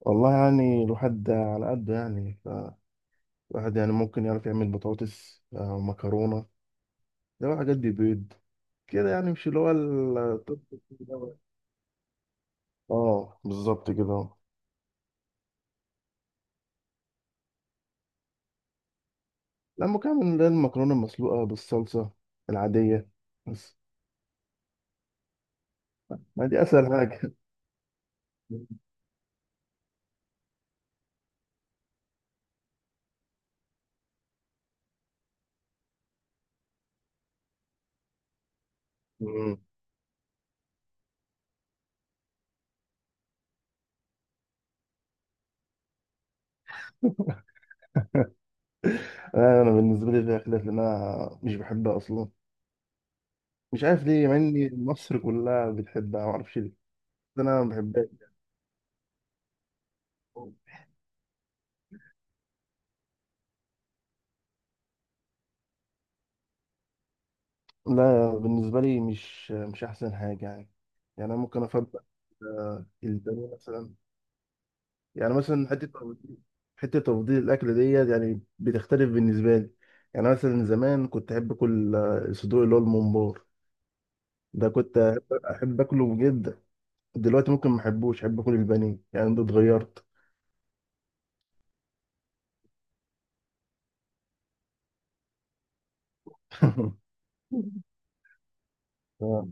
والله يعني الواحد على قده يعني. فالواحد يعني ممكن يعرف يعمل بطاطس، مكرونة. ده حاجات دي بيض كده يعني، مش اللي هو اه، بالظبط كده. لا، ممكن اعمل اللي هي المكرونة المسلوقة بالصلصة العادية بس. ما دي اسهل حاجة. مم. أنا بالنسبة لي فيها خلاف، لان انا مش بحبها اصلا. مش عارف ليه، مع ان مصر كلها بتحبها، ما اعرفش ليه. بس انا ما بحبهاش. لا، بالنسبة لي مش أحسن حاجة يعني. يعني أنا ممكن أفضل البانيه مثلا. يعني مثلا حتة تفضيل الأكل ديت يعني بتختلف بالنسبة لي. يعني مثلا زمان كنت أحب أكل الصدور، اللي هو الممبار. ده كنت أحب أكله جدا. دلوقتي ممكن ما أحبوش، أحب أكل البانيه، يعني ده اتغيرت. آه.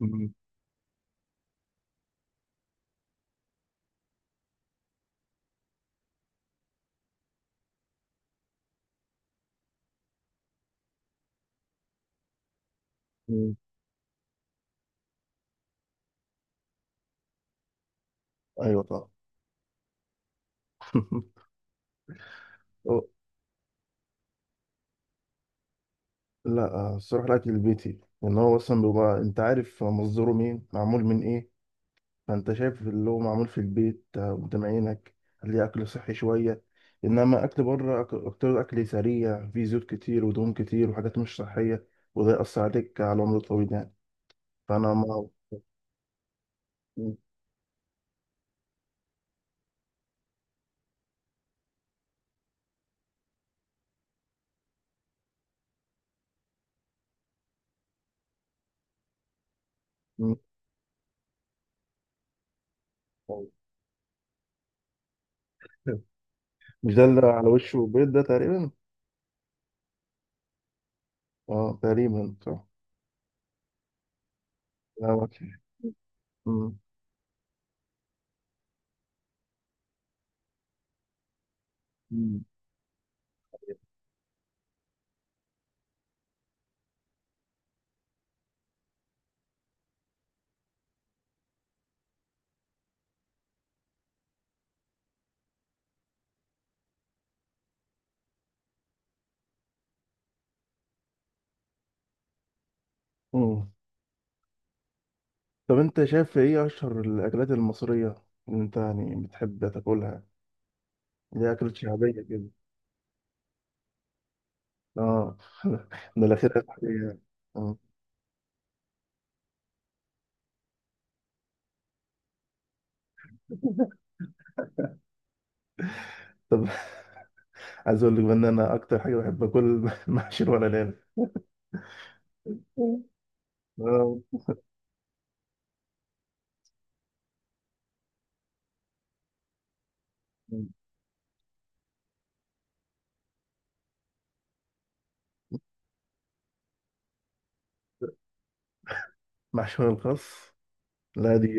م- م- أيوه طبعا. أو- لا، الصراحة الأكل البيتي، لأن هو أصلا بيبقى أنت عارف مصدره مين، معمول من إيه. فانت شايف اللي هو معمول في البيت قدام عينك. هتلاقي اكل صحي شويه. انما اكل بره اكتر، اكل سريع فيه زيوت كتير ودهون كتير وحاجات مش صحيه. وده ياثر عليك على العمر الطويل يعني. فانا ما م- م- مش ده اللي على وشه بيض ده تقريبا؟ اه، تقريبا صح. لا، اوكي. م- م- م. طب، انت شايف ايه اشهر الاكلات المصريه اللي انت يعني بتحب تاكلها، اللي هي اكلات شعبيه كده؟ اه. ده الاخيره. طب، عايز اقول لك بقى ان انا اكتر حاجه بحب اكل محشي الورق العنب. آه، محشي ورق الخاص. لا، دي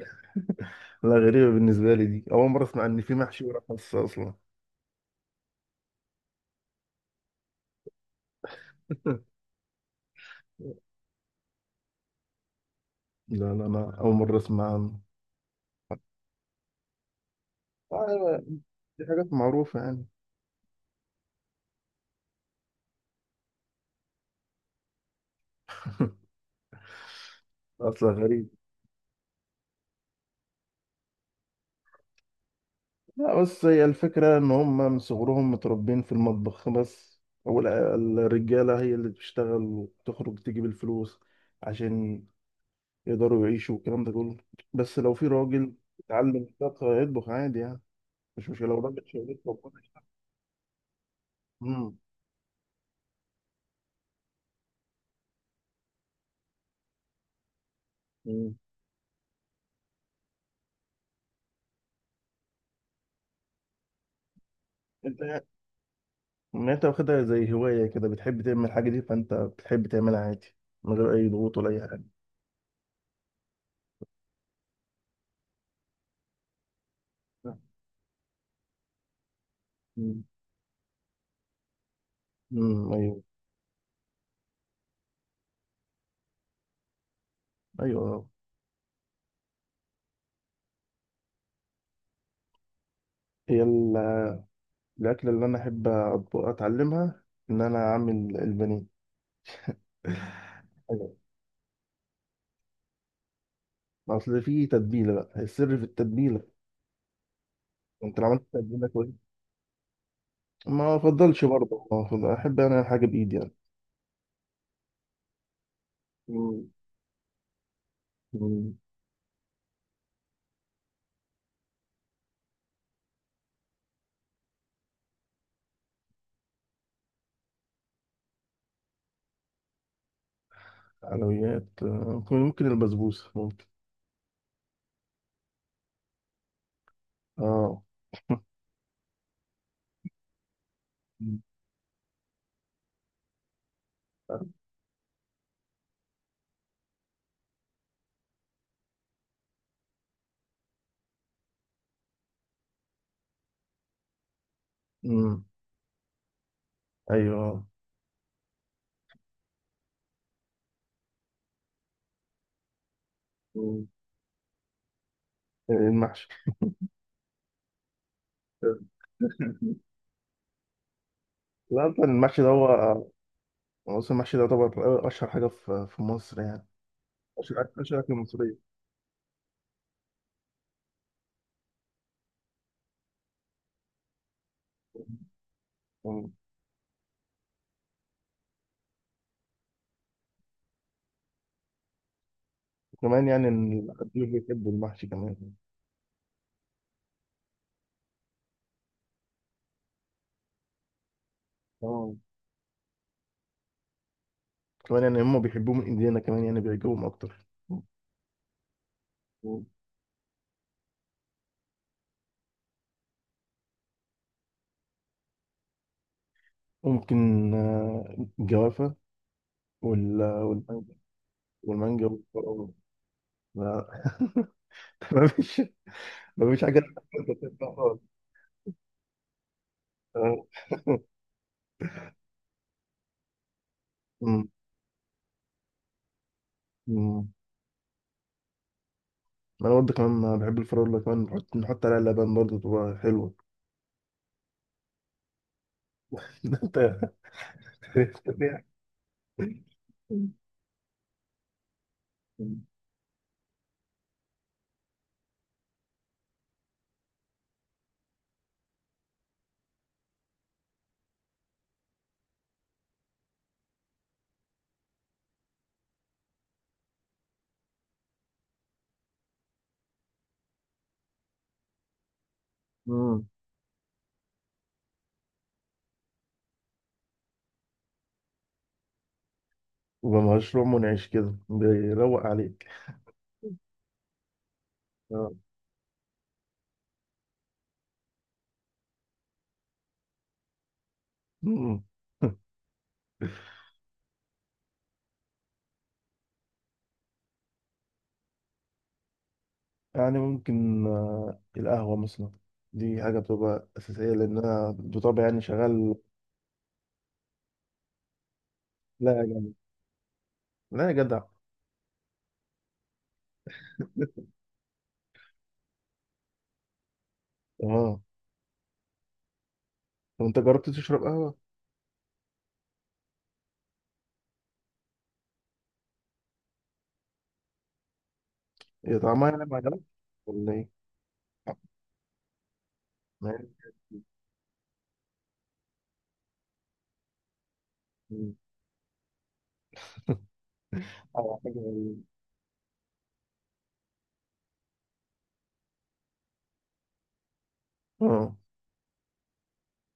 لا، غريبه بالنسبه لي، دي اول مره اسمع ان في محشي ورق خاص اصلا. لا لا، انا اول مره اسمع عنه. آه، دي حاجات معروفه يعني. اصلا غريب. لا، بس هي الفكره ان هم من صغرهم متربين في المطبخ بس. هو ال- الرجاله هي اللي بتشتغل وتخرج تجيب الفلوس، عشان يقدروا يعيشوا والكلام ده كله. بس لو في راجل اتعلم الطبخ، هيطبخ عادي يعني. مش مشكلة لو راجل شغال. امم. أمم. انت يعني انت واخدها زي هواية كده، بتحب تعمل الحاجة دي، فانت بتحب تعملها عادي، من غير اي ضغوط ولا اي حاجة. امم. أمم، ايوه. ايوه. هي ال- الاكلة اللي انا احب اتعلمها، ان انا اعمل البانيه. أيوة. اصل في تتبيله بقى، السر في التتبيله. انت لو عملت تتبيله كويس، ما افضلش برضه، ما أفضل- احب انا الحاجه بايدي يعني. مم. مم. حلويات، ممكن البسبوسة ممكن. اه. مم. مم. ايوه. مم. المحشي. طب، لا، أصلاً المحشي ده هو. أصلا المحشي ده طبعا أشهر حاجة في مصر يعني. أشهر أكل مصرية. مم. كمان يعني إن الأكل بيحبوا المحشي كمان. اه. كمان يعني هما بيحبوه من إيدينا كمان، يعني بيعجبهم أكتر. مم. ممكن الجوافة والمانجا، والمانجا والفراولة. لا تمام. مفيش حاجة. أنت بتحبها خالص. آه. أمم، أمم. أنا برضه كمان بحب الفراولة، كمان نحط عليها لبن برضه تبقى حلوة. أنت. أنت فيها. أمم. يبقى مشروع منعش كده بيروق عليك. آه. أمم. يعني ممكن القهوة مثلا. دي حاجة بتبقى أساسية، لأن أنا بطبعي يعني شغال. لا يا جدع، لا يا جدع. اه، طب أنت جربت تشرب قهوة؟ هي طعمها يعني ما عجبك، ولا إيه؟ أو حاجة غريبة. اه.